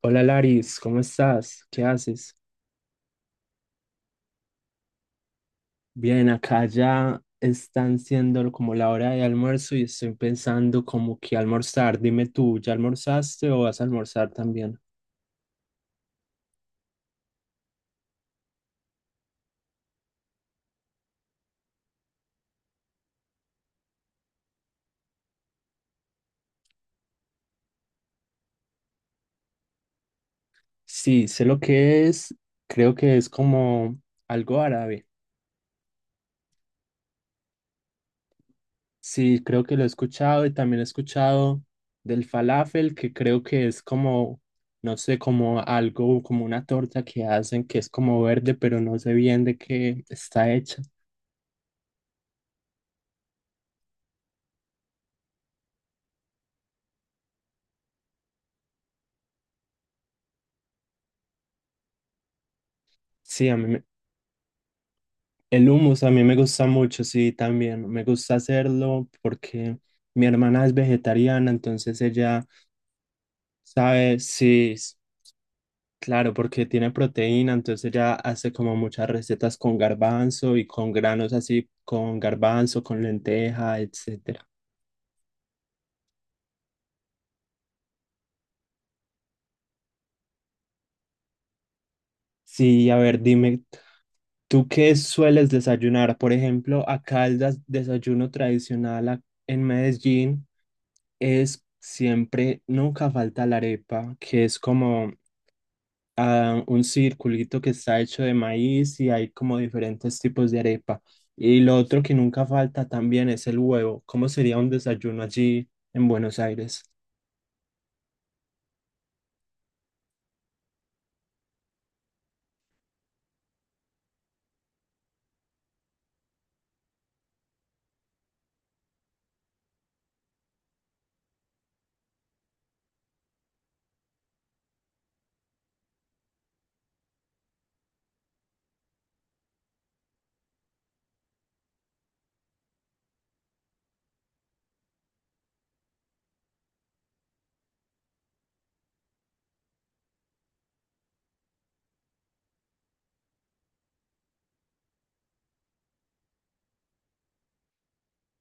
Hola Laris, ¿cómo estás? ¿Qué haces? Bien, acá ya están siendo como la hora de almuerzo y estoy pensando como que almorzar. Dime tú, ¿ya almorzaste o vas a almorzar también? Sí, sé lo que es, creo que es como algo árabe. Sí, creo que lo he escuchado y también he escuchado del falafel, que creo que es como, no sé, como algo, como una torta que hacen que es como verde, pero no sé bien de qué está hecha. Sí, a mí, me- el hummus a mí me gusta mucho, sí, también. Me gusta hacerlo porque mi hermana es vegetariana, entonces ella sabe, sí, s- claro, porque tiene proteína, entonces ella hace como muchas recetas con garbanzo y con granos así, con garbanzo, con lenteja, etcétera. Sí, a ver, dime, ¿tú qué sueles desayunar? Por ejemplo, acá el des- desayuno tradicional a- en Medellín es siempre, nunca falta la arepa, que es como a un circulito que está hecho de maíz y hay como diferentes tipos de arepa. Y lo otro que nunca falta también es el huevo. ¿Cómo sería un desayuno allí en Buenos Aires?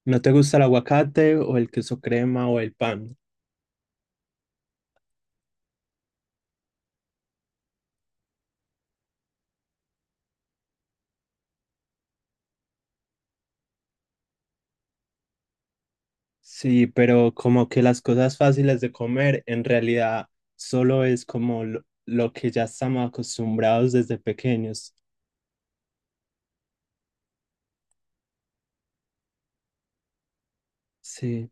¿No te gusta el aguacate o el queso crema o el pan? Sí, pero como que las cosas fáciles de comer en realidad solo es como lo que ya estamos acostumbrados desde pequeños. Sí.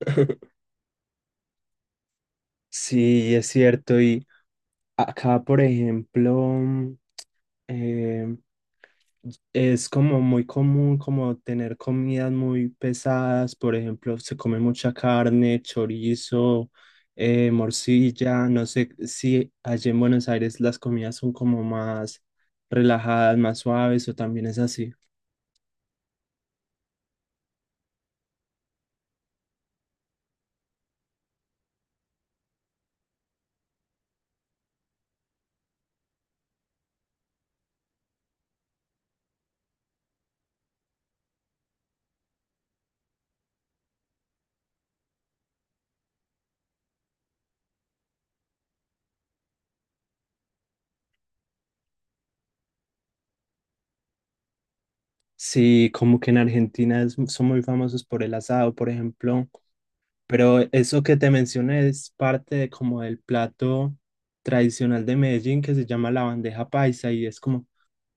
Sí, es cierto. Y acá, por ejemplo, em, es como muy común como tener comidas muy pesadas, por ejemplo, se come mucha carne, chorizo, morcilla, no sé si allí en Buenos Aires las comidas son como más relajadas, más suaves o también es así. Sí, como que en Argentina es- son muy famosos por el asado, por ejemplo, pero eso que te mencioné es parte de como del plato tradicional de Medellín que se llama la bandeja paisa y es como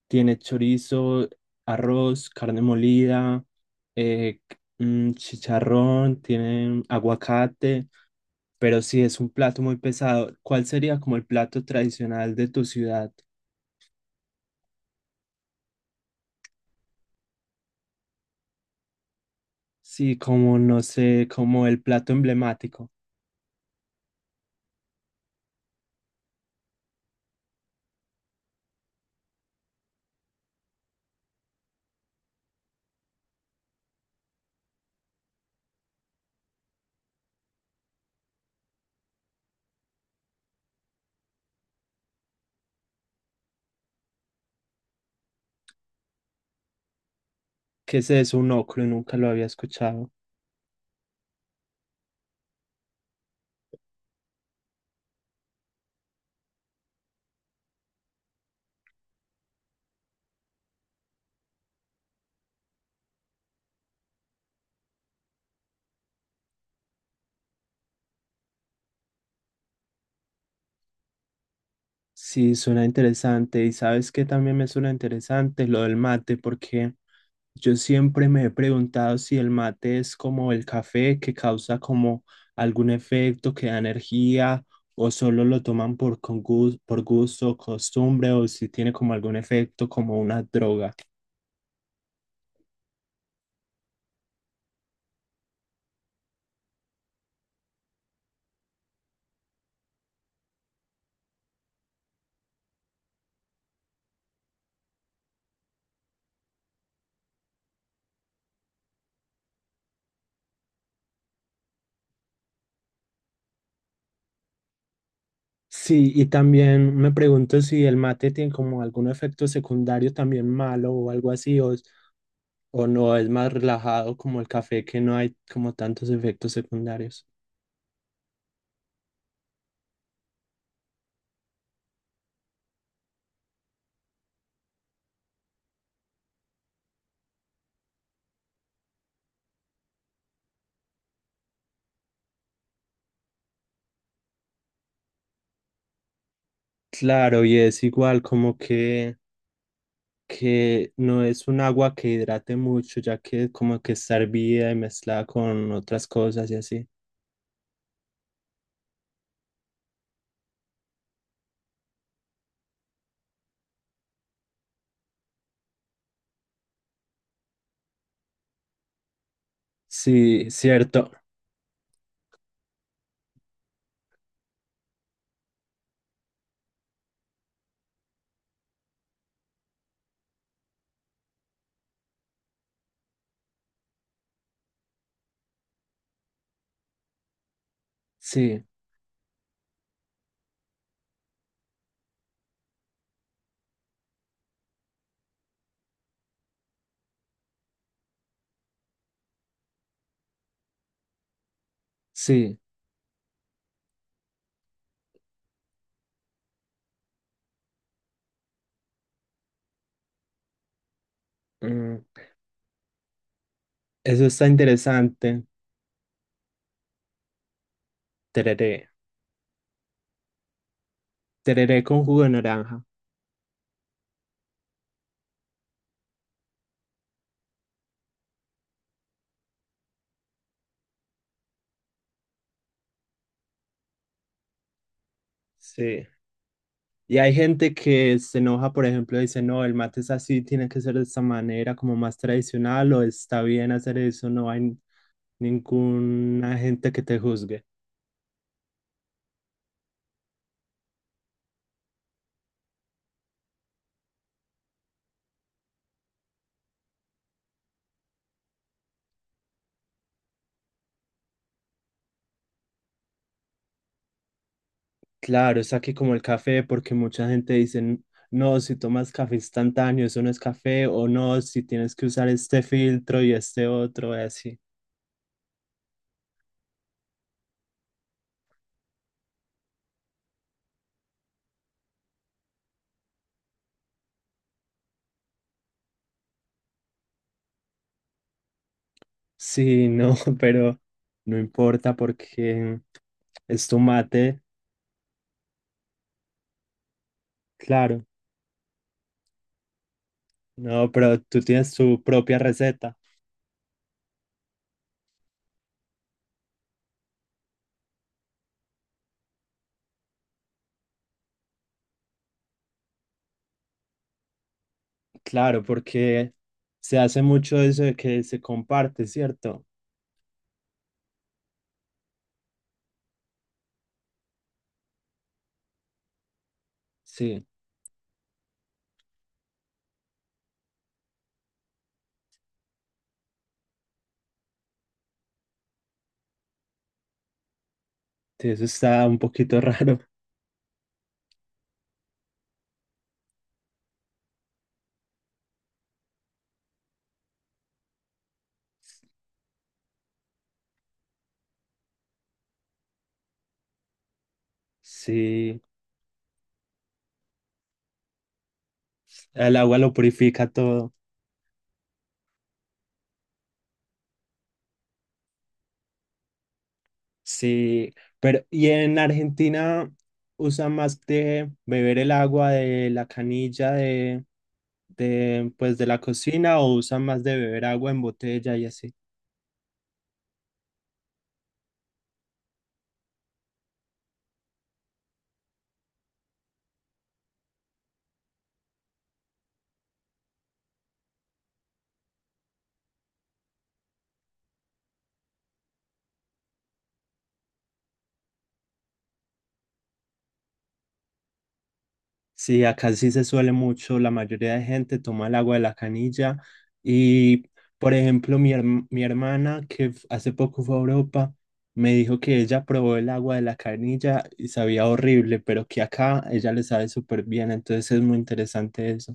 tiene chorizo, arroz, carne molida, eh, chicharrón, tiene aguacate, pero sí es un plato muy pesado. ¿Cuál sería como el plato tradicional de tu ciudad? Sí, como no sé, como el plato emblemático. ¿Qué es eso? Un locro, nunca lo había escuchado. Sí, suena interesante. ¿Y sabes qué también me suena interesante? Lo del mate, porque yo siempre me he preguntado si el mate es como el café que causa como algún efecto que da energía o solo lo toman por, con gus- por gusto, costumbre o si tiene como algún efecto como una droga. Sí, y también me pregunto si el mate tiene como algún efecto secundario también malo o algo así o no es más relajado como el café que no hay como tantos efectos secundarios. Claro, y es igual como que no es un agua que hidrate mucho, ya que como que está hervida y mezclada con otras cosas y así. Sí, cierto. Sí, sí. Mm, eso está interesante. Tereré. Tereré con jugo de naranja. Sí. Y hay gente que se enoja, por ejemplo, dice, no, el mate es así, tiene que ser de esta manera, como más tradicional, o está bien hacer eso, no hay ninguna gente que te juzgue. Claro, está aquí como el café, porque mucha gente dice, "N- no, si tomas café instantáneo, eso no es café, o no, si tienes que usar este filtro y este otro, y así. Sí, no, pero no importa porque es tu mate, claro. No, pero tú tienes tu propia receta, claro, porque se hace mucho eso de que se comparte, ¿cierto? Sí, sí, eso está un poquito raro. Sí, el agua lo purifica todo. Sí, pero y en Argentina usan más de beber el agua de la canilla de pues de la cocina o usan más de beber agua en botella y así. Sí, acá sí se suele mucho, la mayoría de gente toma el agua de la canilla y por ejemplo mi, herm- mi hermana que f- hace poco fue a Europa me dijo que ella probó el agua de la canilla y sabía horrible, pero que acá ella le sabe súper bien, entonces es muy interesante eso.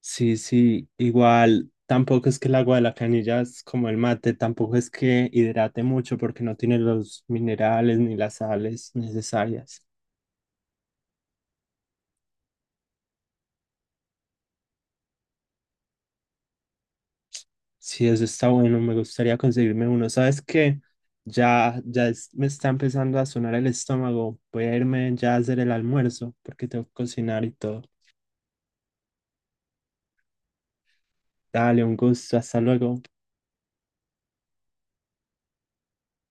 Sí, sí, igual tampoco es que el agua de la canilla es como el mate, tampoco es que hidrate mucho porque no tiene los minerales ni las sales necesarias. Sí, eso está bueno, me gustaría conseguirme uno. ¿Sabes qué? Ya, ya es- me está empezando a sonar el estómago. Voy a irme ya a hacer el almuerzo porque tengo que cocinar y todo. Dale, un gusto, hasta luego.